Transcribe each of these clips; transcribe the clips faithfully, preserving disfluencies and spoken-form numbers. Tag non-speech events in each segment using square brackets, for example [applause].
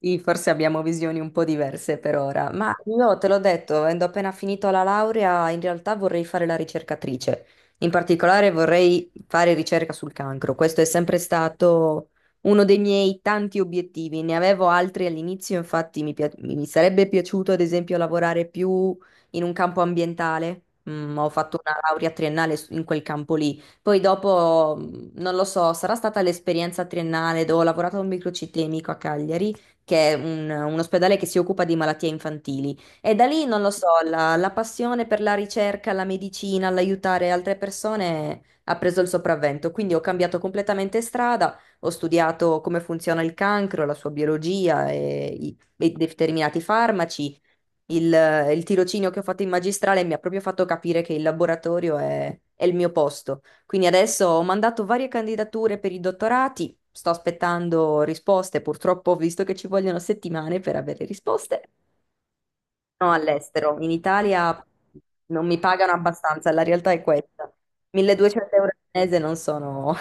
Sì, forse abbiamo visioni un po' diverse per ora, ma io te l'ho detto, avendo appena finito la laurea, in realtà vorrei fare la ricercatrice. In particolare vorrei fare ricerca sul cancro. Questo è sempre stato uno dei miei tanti obiettivi. Ne avevo altri all'inizio, infatti mi, pia- mi sarebbe piaciuto ad esempio lavorare più in un campo ambientale. Mm, ho fatto una laurea triennale su- in quel campo lì. Poi dopo, mm, non lo so, sarà stata l'esperienza triennale dove ho lavorato a un microcitemico a Cagliari che è un, un ospedale che si occupa di malattie infantili. E da lì, non lo so, la, la passione per la ricerca, la medicina, l'aiutare altre persone ha preso il sopravvento. Quindi ho cambiato completamente strada, ho studiato come funziona il cancro, la sua biologia e i e determinati farmaci. Il, il tirocinio che ho fatto in magistrale mi ha proprio fatto capire che il laboratorio è, è il mio posto. Quindi adesso ho mandato varie candidature per i dottorati, sto aspettando risposte, purtroppo ho visto che ci vogliono settimane per avere risposte. No, all'estero, in Italia non mi pagano abbastanza, la realtà è questa. milleduecento euro al mese non sono...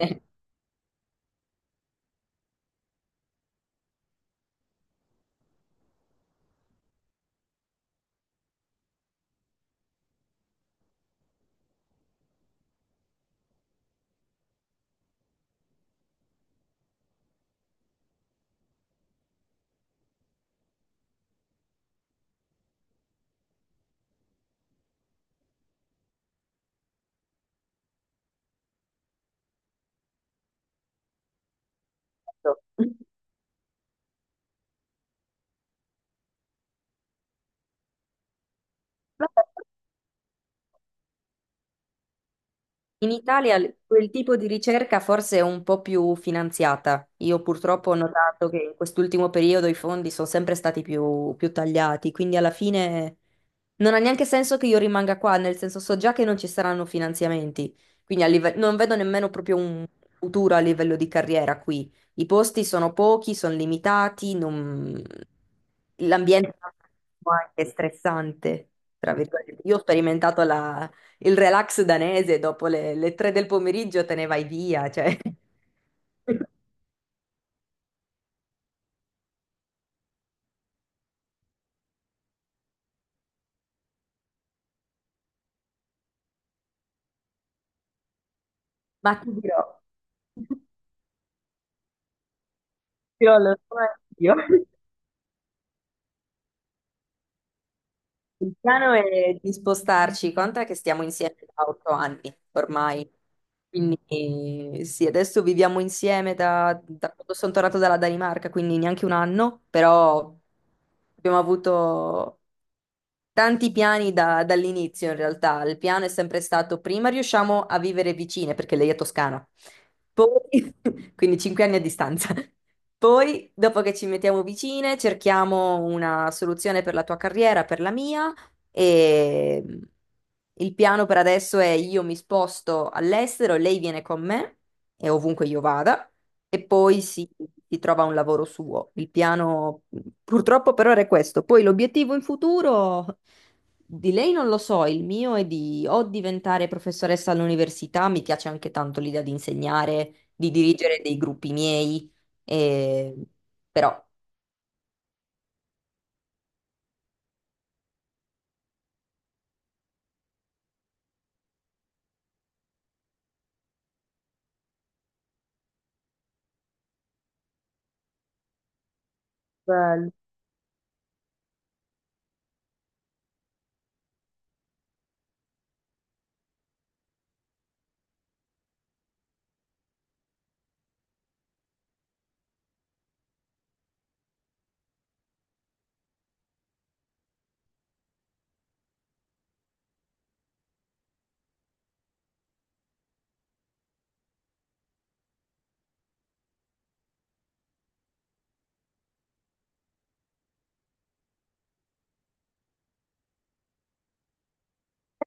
[laughs] Vabbè, in Italia l- quel tipo di ricerca forse è un po' più finanziata. Io purtroppo ho notato che in quest'ultimo periodo i fondi sono sempre stati più, più tagliati, quindi alla fine non ha neanche senso che io rimanga qua, nel senso so già che non ci saranno finanziamenti, quindi a live- non vedo nemmeno proprio un futuro a livello di carriera qui. I posti sono pochi, sono limitati, non, l'ambiente è anche stressante, tra virgolette. Io ho sperimentato la il relax danese dopo le, le tre del pomeriggio te ne vai via, cioè. [laughs] Ma ti dirò, ti dirò, lo so anch'io. Il piano è di spostarci, conta che stiamo insieme da otto anni ormai, quindi eh, sì, adesso viviamo insieme da, da quando sono tornato dalla Danimarca, quindi neanche un anno, però abbiamo avuto tanti piani da- dall'inizio in realtà, il piano è sempre stato prima riusciamo a vivere vicine perché lei è toscana, poi [laughs] quindi cinque anni a distanza, poi dopo che ci mettiamo vicine cerchiamo una soluzione per la tua carriera, per la mia e il piano per adesso è io mi sposto all'estero, lei viene con me e ovunque io vada. E poi si, si trova un lavoro suo. Il piano mh, purtroppo per ora è questo. Poi l'obiettivo in futuro di lei non lo so, il mio è di o diventare professoressa all'università, mi piace anche tanto l'idea di insegnare, di dirigere dei gruppi miei, e- però bello.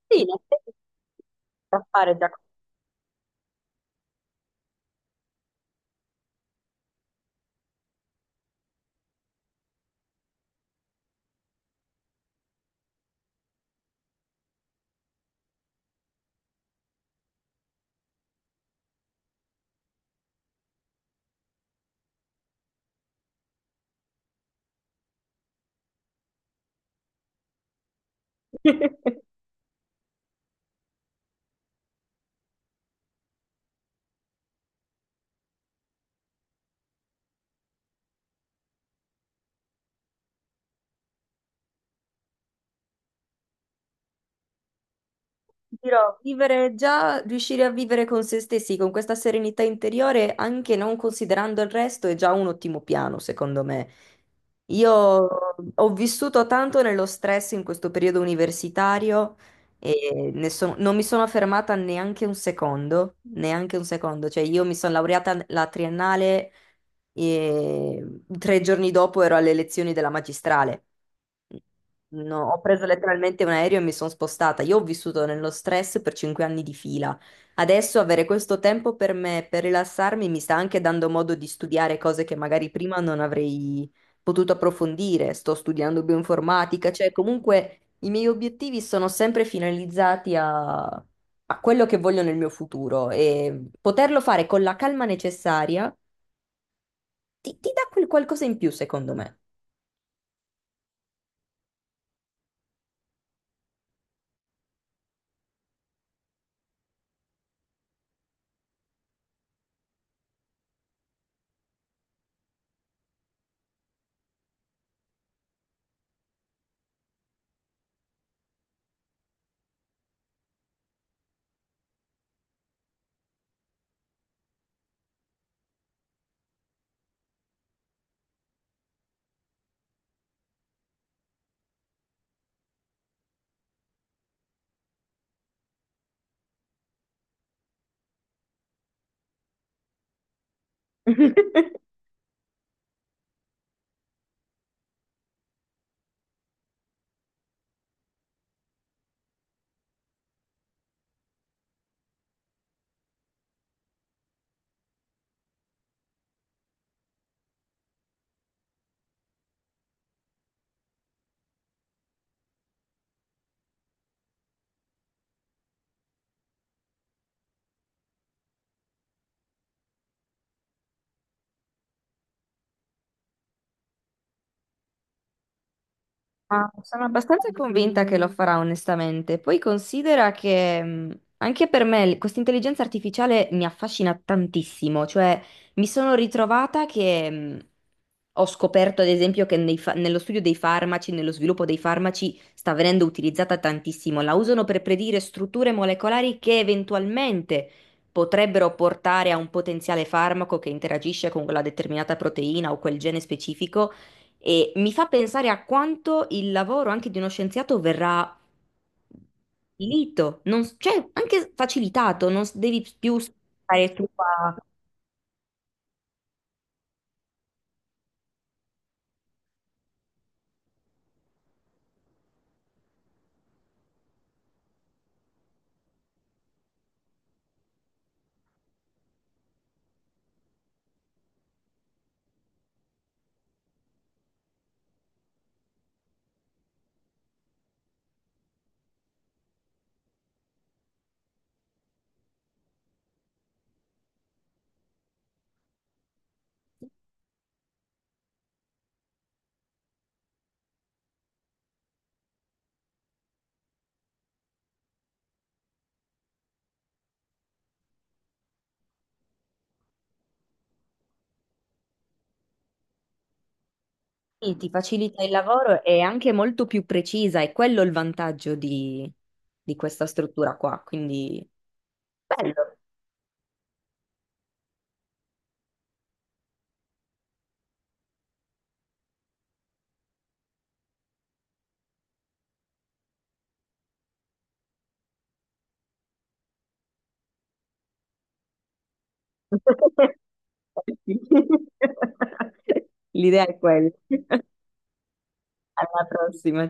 Sì, in effetti si può fare già. [laughs] Dirò, vivere già, riuscire a vivere con se stessi, con questa serenità interiore, anche non considerando il resto, è già un ottimo piano, secondo me. Io ho vissuto tanto nello stress in questo periodo universitario e ne sono- non mi sono fermata neanche un secondo, neanche un secondo. Cioè, io mi sono laureata la triennale e tre giorni dopo ero alle lezioni della magistrale. No, ho preso letteralmente un aereo e mi sono spostata. Io ho vissuto nello stress per cinque anni di fila. Adesso avere questo tempo per me, per rilassarmi, mi sta anche dando modo di studiare cose che magari prima non avrei potuto approfondire. Sto studiando bioinformatica, cioè comunque i miei obiettivi sono sempre finalizzati a, a quello che voglio nel mio futuro e poterlo fare con la calma necessaria ti, ti dà quel qualcosa in più, secondo me. [laughs] Ma sono abbastanza convinta che lo farà, onestamente. Poi considera che mh, anche per me l- questa intelligenza artificiale mi affascina tantissimo, cioè mi sono ritrovata che mh, ho scoperto, ad esempio, che nei fa- nello studio dei farmaci, nello sviluppo dei farmaci, sta venendo utilizzata tantissimo. La usano per predire strutture molecolari che eventualmente potrebbero portare a un potenziale farmaco che interagisce con quella determinata proteina o quel gene specifico e mi fa pensare a quanto il lavoro anche di uno scienziato verrà facilito, non, s- cioè anche facilitato, non s- devi più stare tu a... Sì, ti facilita il lavoro e è anche molto più precisa, è quello il vantaggio di, di questa struttura qua, quindi bello. [laughs] Sì. [laughs] L'idea è quella. Alla prossima.